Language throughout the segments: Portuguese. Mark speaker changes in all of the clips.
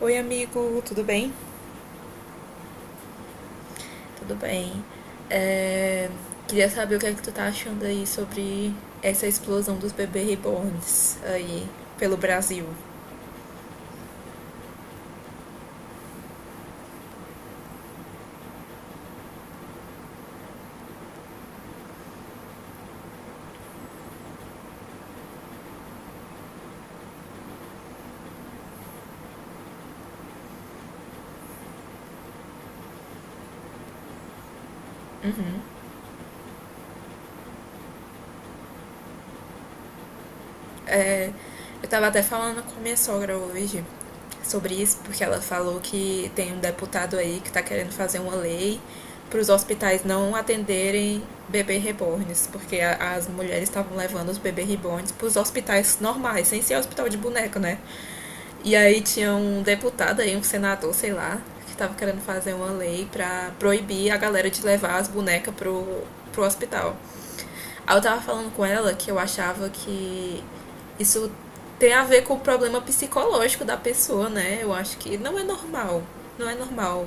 Speaker 1: Oi, amigo, tudo bem? Tudo bem. É, Queria saber o que é que tu tá achando aí sobre essa explosão dos bebês reborns aí pelo Brasil. É, eu tava até falando com minha sogra hoje sobre isso, porque ela falou que tem um deputado aí que tá querendo fazer uma lei para os hospitais não atenderem bebê reborns, porque as mulheres estavam levando os bebê reborns para os hospitais normais, sem ser hospital de boneco, né? E aí tinha um deputado aí, um senador, sei lá, que tava querendo fazer uma lei pra proibir a galera de levar as bonecas pro hospital. Aí eu tava falando com ela que eu achava que isso tem a ver com o problema psicológico da pessoa, né? Eu acho que não é normal. Não é normal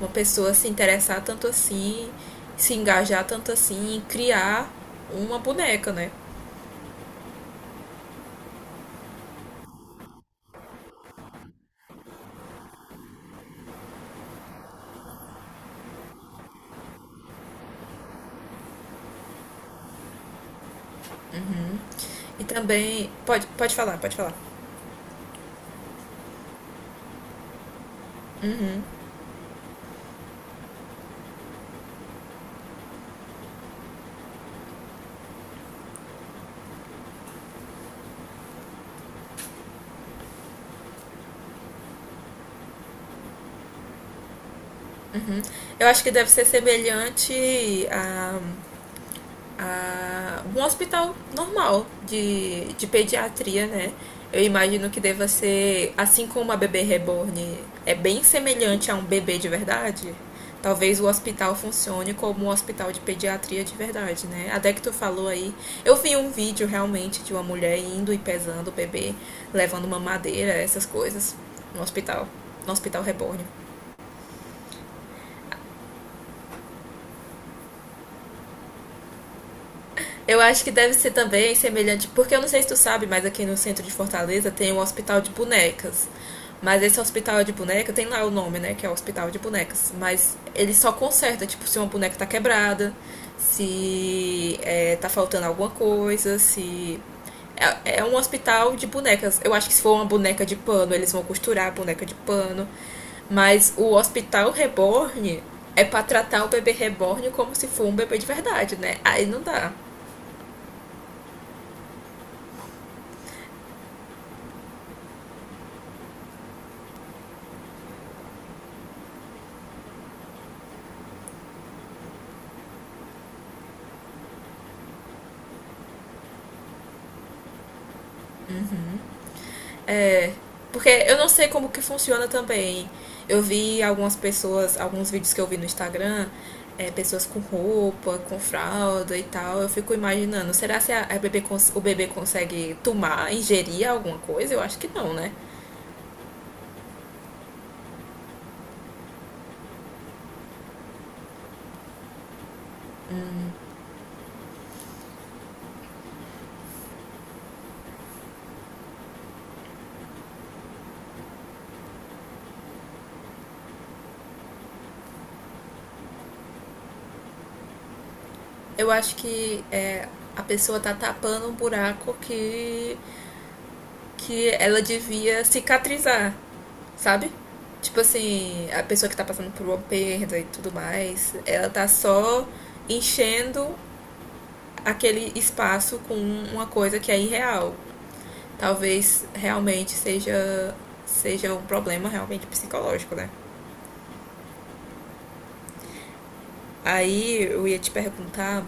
Speaker 1: uma pessoa se interessar tanto assim, se engajar tanto assim, em criar uma boneca, né? E também. Pode falar, pode falar. Eu acho que deve ser semelhante a um hospital normal de pediatria, né? Eu imagino que deva ser, assim como a bebê reborn é bem semelhante a um bebê de verdade, talvez o hospital funcione como um hospital de pediatria de verdade, né? Até que tu falou aí, eu vi um vídeo realmente de uma mulher indo e pesando o bebê, levando uma madeira, essas coisas, no hospital, no hospital reborn. Eu acho que deve ser também semelhante, porque eu não sei se tu sabe, mas aqui no centro de Fortaleza tem um hospital de bonecas. Mas esse hospital de boneca, tem lá o nome, né? Que é o hospital de bonecas. Mas ele só conserta, tipo, se uma boneca tá quebrada, se é, tá faltando alguma coisa, se. É, é um hospital de bonecas. Eu acho que se for uma boneca de pano, eles vão costurar a boneca de pano. Mas o hospital reborn é pra tratar o bebê reborn como se for um bebê de verdade, né? Aí não dá. É, porque eu não sei como que funciona também. Eu vi algumas pessoas, alguns vídeos que eu vi no Instagram, pessoas com roupa, com fralda e tal. Eu fico imaginando, será se a o bebê consegue tomar, ingerir alguma coisa? Eu acho que não, né? Eu acho que a pessoa tá tapando um buraco que ela devia cicatrizar, sabe? Tipo assim, a pessoa que tá passando por uma perda e tudo mais, ela tá só enchendo aquele espaço com uma coisa que é irreal. Talvez realmente seja um problema realmente psicológico, né? Aí eu ia te perguntar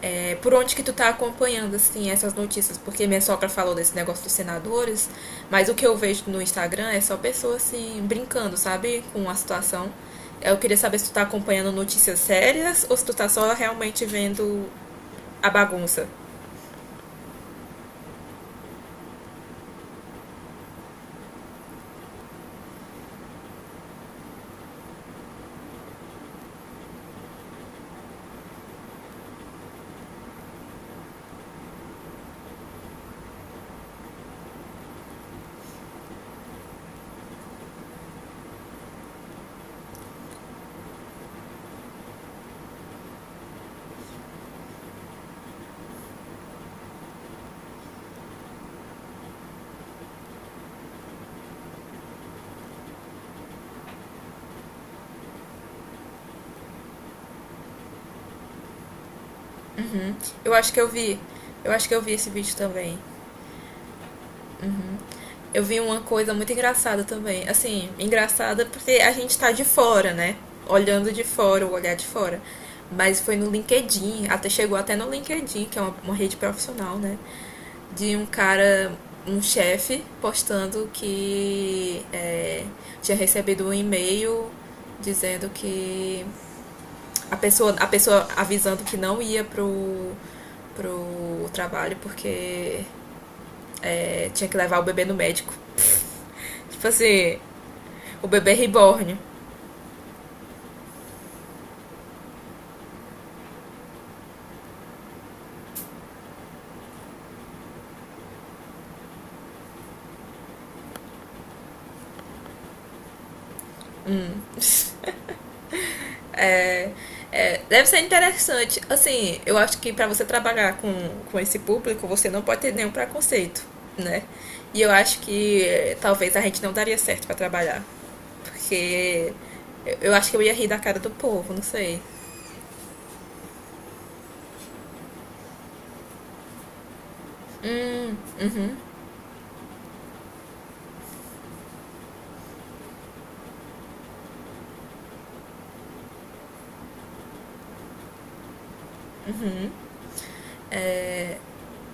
Speaker 1: por onde que tu tá acompanhando, assim, essas notícias. Porque minha sogra falou desse negócio dos senadores, mas o que eu vejo no Instagram é só pessoas, assim, brincando, sabe? Com a situação. Eu queria saber se tu tá acompanhando notícias sérias ou se tu tá só realmente vendo a bagunça. Eu acho que eu vi. Eu acho que eu vi esse vídeo também. Eu vi uma coisa muito engraçada também. Assim, engraçada porque a gente tá de fora, né? Olhando de fora, o olhar de fora. Mas foi no LinkedIn, até chegou até no LinkedIn, que é uma rede profissional, né? De um cara, um chefe, postando que tinha recebido um e-mail dizendo que a pessoa avisando que não ia pro trabalho porque tinha que levar o bebê no médico. Tipo assim, o bebê reborn. É, deve ser interessante. Assim, eu acho que para você trabalhar com esse público, você não pode ter nenhum preconceito, né? E eu acho que talvez a gente não daria certo para trabalhar. Porque eu acho que eu ia rir da cara do povo, não sei.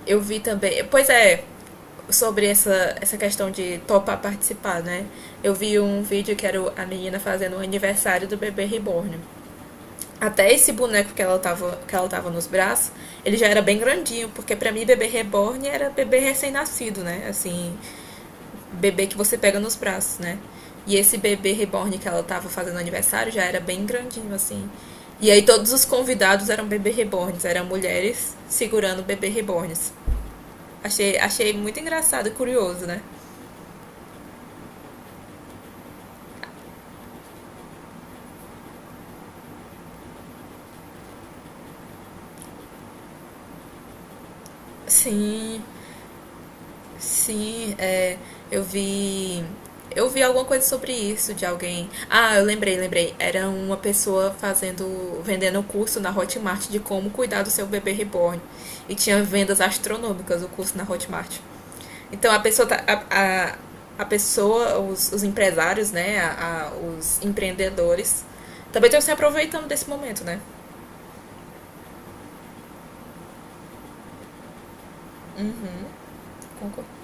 Speaker 1: Eu vi também. Pois é, sobre essa questão de topar participar, né? Eu vi um vídeo que era a menina fazendo o aniversário do bebê reborn. Até esse boneco que ela tava nos braços, ele já era bem grandinho, porque para mim bebê reborn era bebê recém-nascido, né? Assim, bebê que você pega nos braços, né? E esse bebê reborn que ela tava fazendo aniversário já era bem grandinho, assim. E aí todos os convidados eram bebê reborns, eram mulheres segurando bebê reborns. Achei, achei muito engraçado e curioso, né? Sim, sim, é, eu vi. Eu vi alguma coisa sobre isso de alguém. Ah, eu lembrei, lembrei. Era uma pessoa fazendo, vendendo um curso na Hotmart de como cuidar do seu bebê reborn. E tinha vendas astronômicas o curso na Hotmart. Então a pessoa a pessoa, os empresários, né, os empreendedores também estão se aproveitando desse momento, né? Concordo.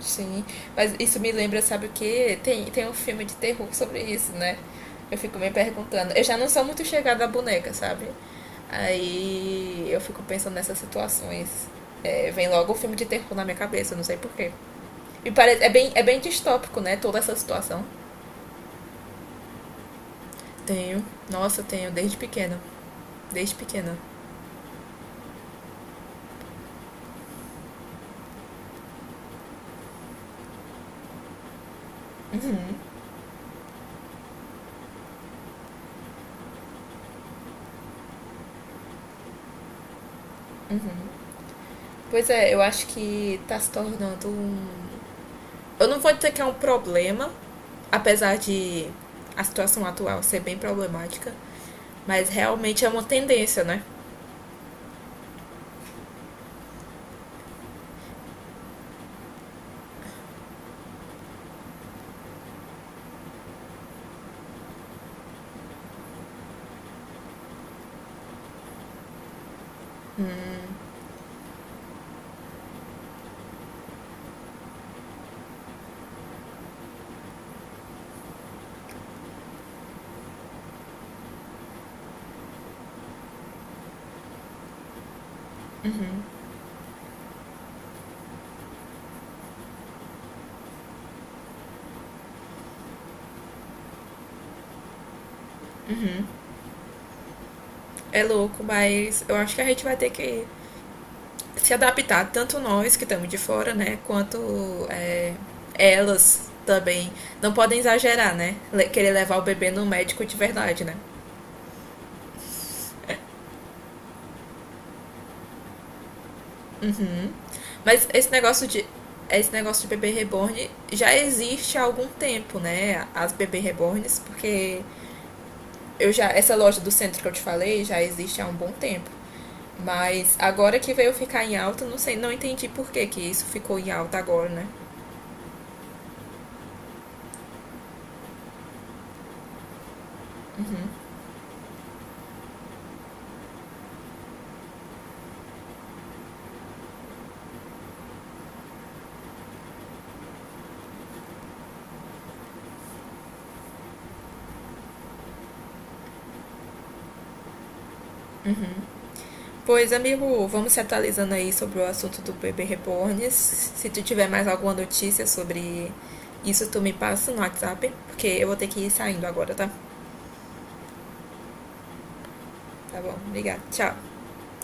Speaker 1: Sim, mas isso me lembra, sabe o quê? Tem um filme de terror sobre isso, né? Eu fico me perguntando. Eu já não sou muito chegada à boneca, sabe? Aí eu fico pensando nessas situações. É, vem logo o filme de terror na minha cabeça, eu não sei porquê. E parece, é bem distópico, né? Toda essa situação. Tenho. Nossa, eu tenho desde pequena. Desde pequena. Pois é, eu acho que tá se tornando um. Eu não vou dizer que é um problema, apesar de a situação atual ser bem problemática, mas realmente é uma tendência, né? É louco, mas eu acho que a gente vai ter que se adaptar, tanto nós que estamos de fora, né? Quanto é, elas também. Não podem exagerar, né? Querer levar o bebê no médico de verdade, né? Mas esse negócio de. Esse negócio de bebê reborn já existe há algum tempo, né? As bebê reborns, porque eu já essa loja do centro que eu te falei já existe há um bom tempo. Mas agora que veio ficar em alta, não sei, não entendi por que que isso ficou em alta agora, né? Pois, amigo, vamos se atualizando aí sobre o assunto do bebê reborn. Se tu tiver mais alguma notícia sobre isso, tu me passa no WhatsApp, porque eu vou ter que ir saindo agora, tá? Tá bom, obrigada. Tchau.